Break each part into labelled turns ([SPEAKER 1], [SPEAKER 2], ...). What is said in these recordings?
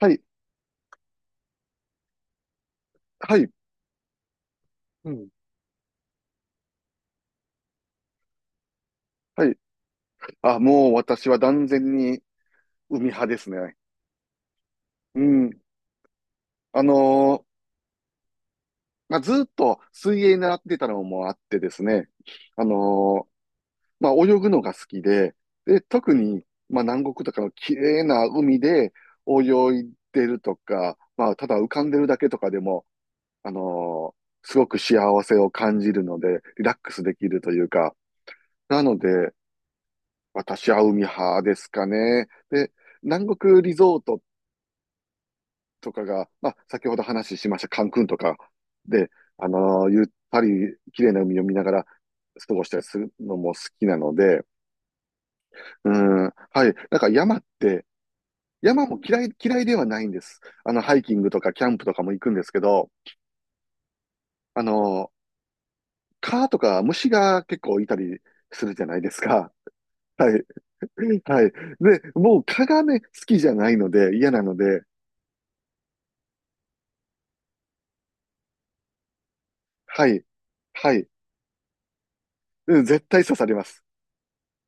[SPEAKER 1] はい、はい、うん。はい。あ、もう私は断然に海派ですね。うん。あのーまあ、ずっと水泳習ってたのもあってですね。あのーまあ、泳ぐのが好きで、で、特に、まあ、南国とかの綺麗な海で泳いでるとか、まあ、ただ浮かんでるだけとかでも、すごく幸せを感じるので、リラックスできるというか、なので、私は海派ですかね。で、南国リゾートとかが、まあ、先ほど話しましたカンクンとかで、ゆったり綺麗な海を見ながら過ごしたりするのも好きなので、うん、はい。なんか山って、山も嫌いではないんです。あの、ハイキングとかキャンプとかも行くんですけど、あのー蚊とか虫が結構いたりするじゃないですか。はい。はい。で、もう蚊がね、好きじゃないので、嫌なので、はい。はい。うん、絶対刺されます。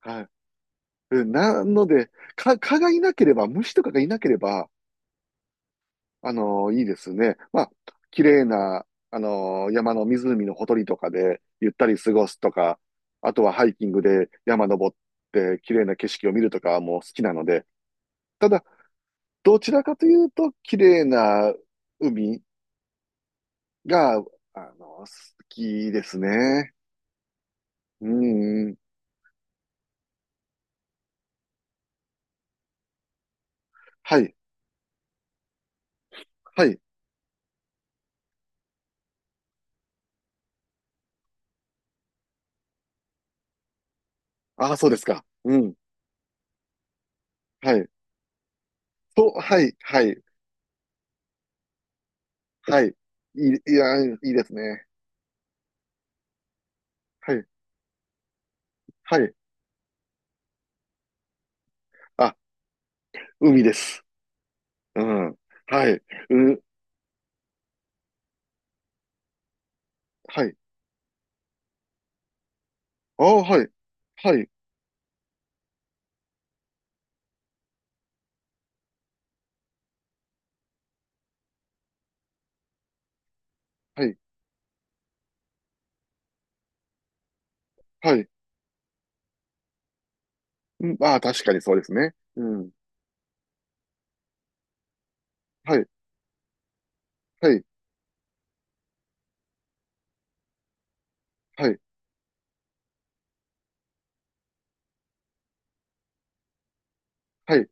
[SPEAKER 1] はい。うん、なので、蚊がいなければ、虫とかがいなければ、いいですね。まあ、綺麗な、山の湖のほとりとかで、ゆったり過ごすとか、あとはハイキングで山登って、綺麗な景色を見るとかも好きなので、ただ、どちらかというと、綺麗な海が、好きですね。うん、うん。はい、はい。ああ、そうですか。うん、はい。そう、はい、はい、はい。いや、いいですね。はい。はい。あ、海です。うん。はい。うん。はい。ああ、はい。はい。はい。はい。うん。ああ、確かにそうですね。うん。はい。はい。はい。はい。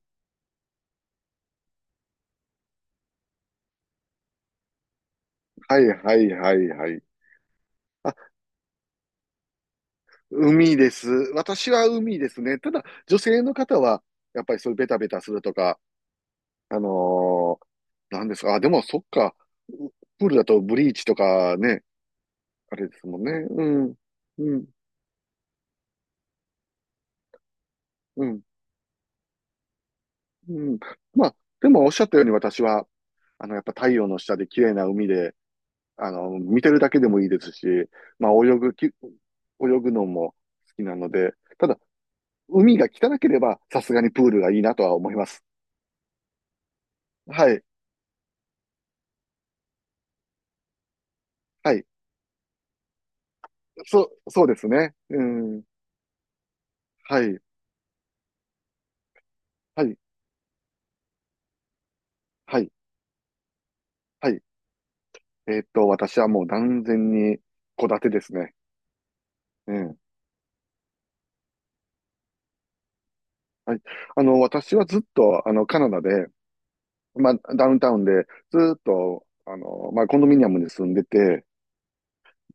[SPEAKER 1] はい。はい。はい。はい。あ、海です。私は海ですね。ただ、女性の方は、やっぱりそういうベタベタするとか、あのなんですか。あ、でも、そっか。うプールだとブリーチとかね、あれですもんね。うん。うん。うん。うん。まあ、でもおっしゃったように私は、あの、やっぱ太陽の下で綺麗な海で、あの、見てるだけでもいいですし、まあ、泳ぐのも好きなので、ただ、海が汚ければ、さすがにプールがいいなとは思います。はい、はい。そう、そうですね。うん。はい、はい、はい、はい。私はもう断然に戸建てですね。うん。はい。あの、私はずっと、あの、カナダで、まあ、ダウンタウンで、ずーっと、あの、まあ、コンドミニアムに住んでて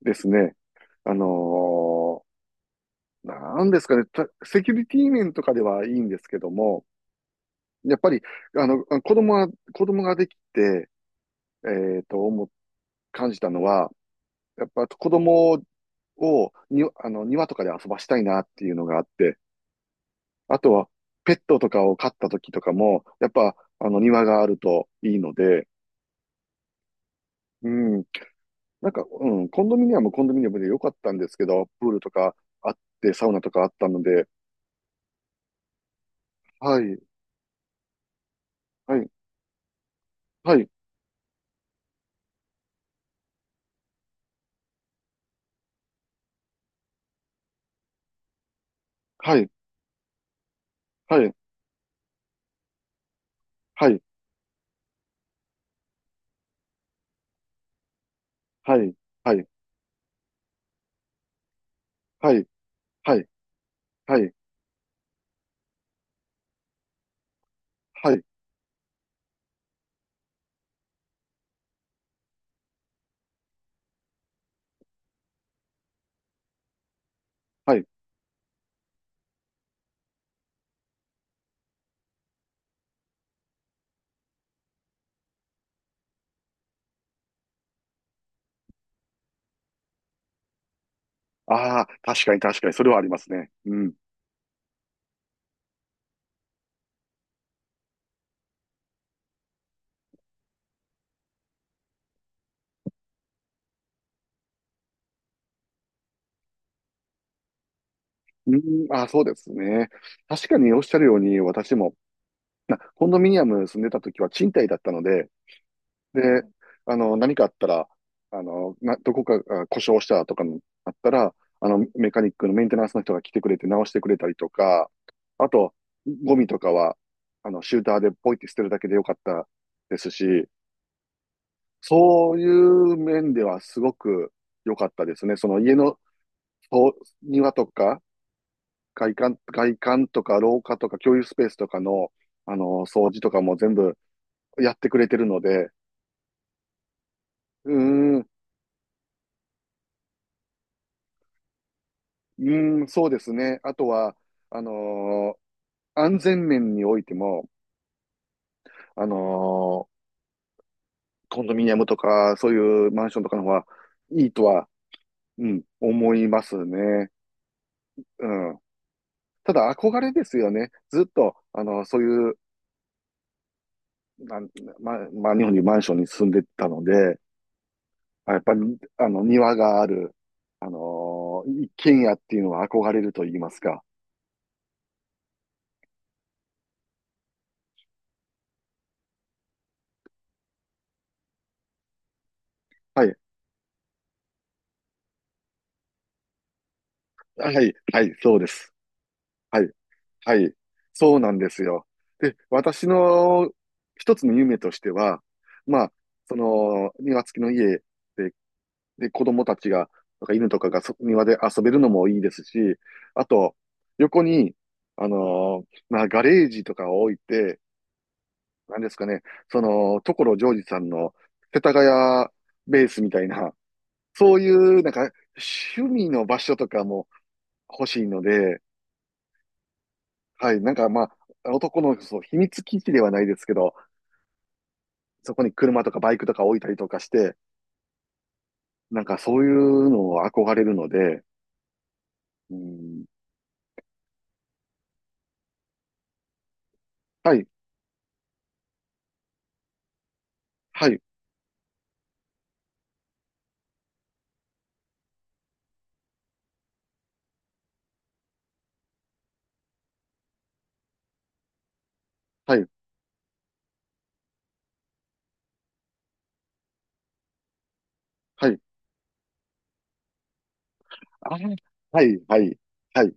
[SPEAKER 1] ですね、あのーなんですかね、セキュリティ面とかではいいんですけども、やっぱり、あの、子供ができて、えっと、思う感じたのは、やっぱ子供に、あの、庭とかで遊ばしたいなっていうのがあって、あとは、ペットとかを飼った時とかも、やっぱ、あの、庭があるといいので、うん、なんか、うん、コンドミニアムで良かったんですけど、プールとかあって、サウナとかあったので、はい、はい、はい、はい、はい、はい、はい、はい、はい、はい、はい、はい、はい。ああ、確かに確かに、それはありますね。うん。うん、ああ、そうですね。確かにおっしゃるように、私も、コンドミニアム住んでた時は賃貸だったので、で、あの、何かあったら、あの、どこかが故障したとかにあったら、あの、メカニックのメンテナンスの人が来てくれて直してくれたりとか、あと、ゴミとかは、あの、シューターでポイって捨てるだけでよかったですし、そういう面ではすごく良かったですね。その家のそう庭とか、外観とか廊下とか共有スペースとかの、あの、掃除とかも全部やってくれてるので、うーん、うーん、そうですね。あとは、あのー安全面においても、あのーコンドミニアムとか、そういうマンションとかの方がいいとは、うん、思いますね。うん。ただ、憧れですよね。ずっと、あのそういう、なん、ま、まあ、日本にマンションに住んでたので、やっぱり、あの、庭がある、一軒家っていうのは憧れると言いますか。はい。はい。はい。そうです。はい。はい。そうなんですよ。で、私の一つの夢としては、まあ、その、庭付きの家で、で、子供たちが、とか犬とかが庭で遊べるのもいいですし、あと、横に、まあ、ガレージとかを置いて、なんですかね、その、所ジョージさんの世田谷ベースみたいな、そういう、なんか、趣味の場所とかも欲しいので、はい。なんかまあ、男の秘密基地ではないですけど、そこに車とかバイクとか置いたりとかして、なんかそういうのを憧れるので、うん、はい、はい、はい、はい、あ、はい、はい、はい、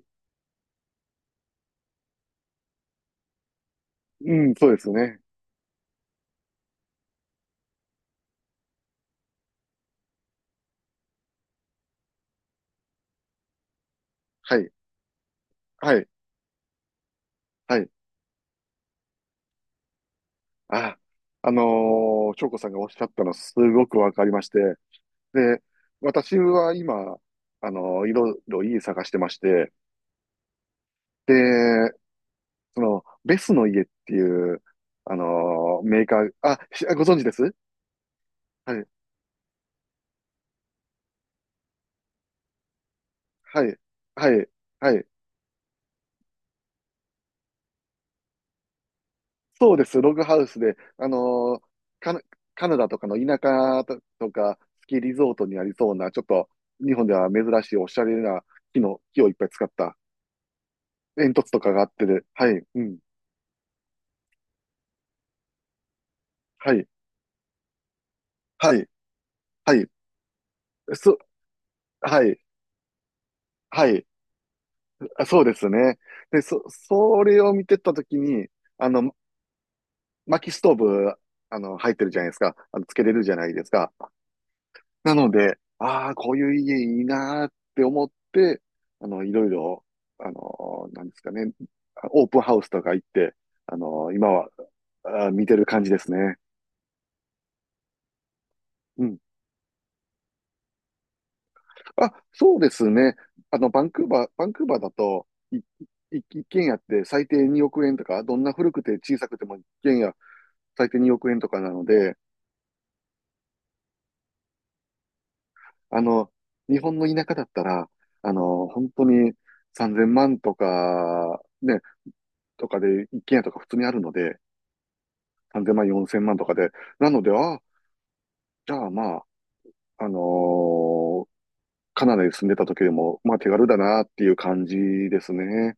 [SPEAKER 1] うん、そうですね。はい、はい、はい、あ、あの翔子さんがおっしゃったのすごくわかりまして、で、私は今、いろいろ家探してまして、で、その、ベスの家っていう、メーカー、あ、ご存知ですはい、はい、はい、はい。そうです、ログハウスで、カナ、カナダとかの田舎とか、スキーリゾートにありそうな、ちょっと、日本では珍しいおしゃれな木をいっぱい使った煙突とかがあってで、はい、うん、はい、はい、はい、そ、はい、はい、そうですね。で、それを見てたときに、あの、薪ストーブ、あの、入ってるじゃないですか。あの、つけれるじゃないですか。なので、ああ、こういう家いいなーって思って、あの、いろいろ、あの、なんですかね、オープンハウスとか行って、あの、今は、見てる感じですね。うん。あ、そうですね。あの、バンクーバーだと、いい一軒家って最低2億円とか、どんな古くて小さくても一軒家最低2億円とかなので、あの、日本の田舎だったら、あの、本当に3000万とか、ね、とかで、一軒家とか普通にあるので、3000万、4000万とかで。なので、あ、じゃあまあ、あのーカナダに住んでた時でも、まあ手軽だなっていう感じですね。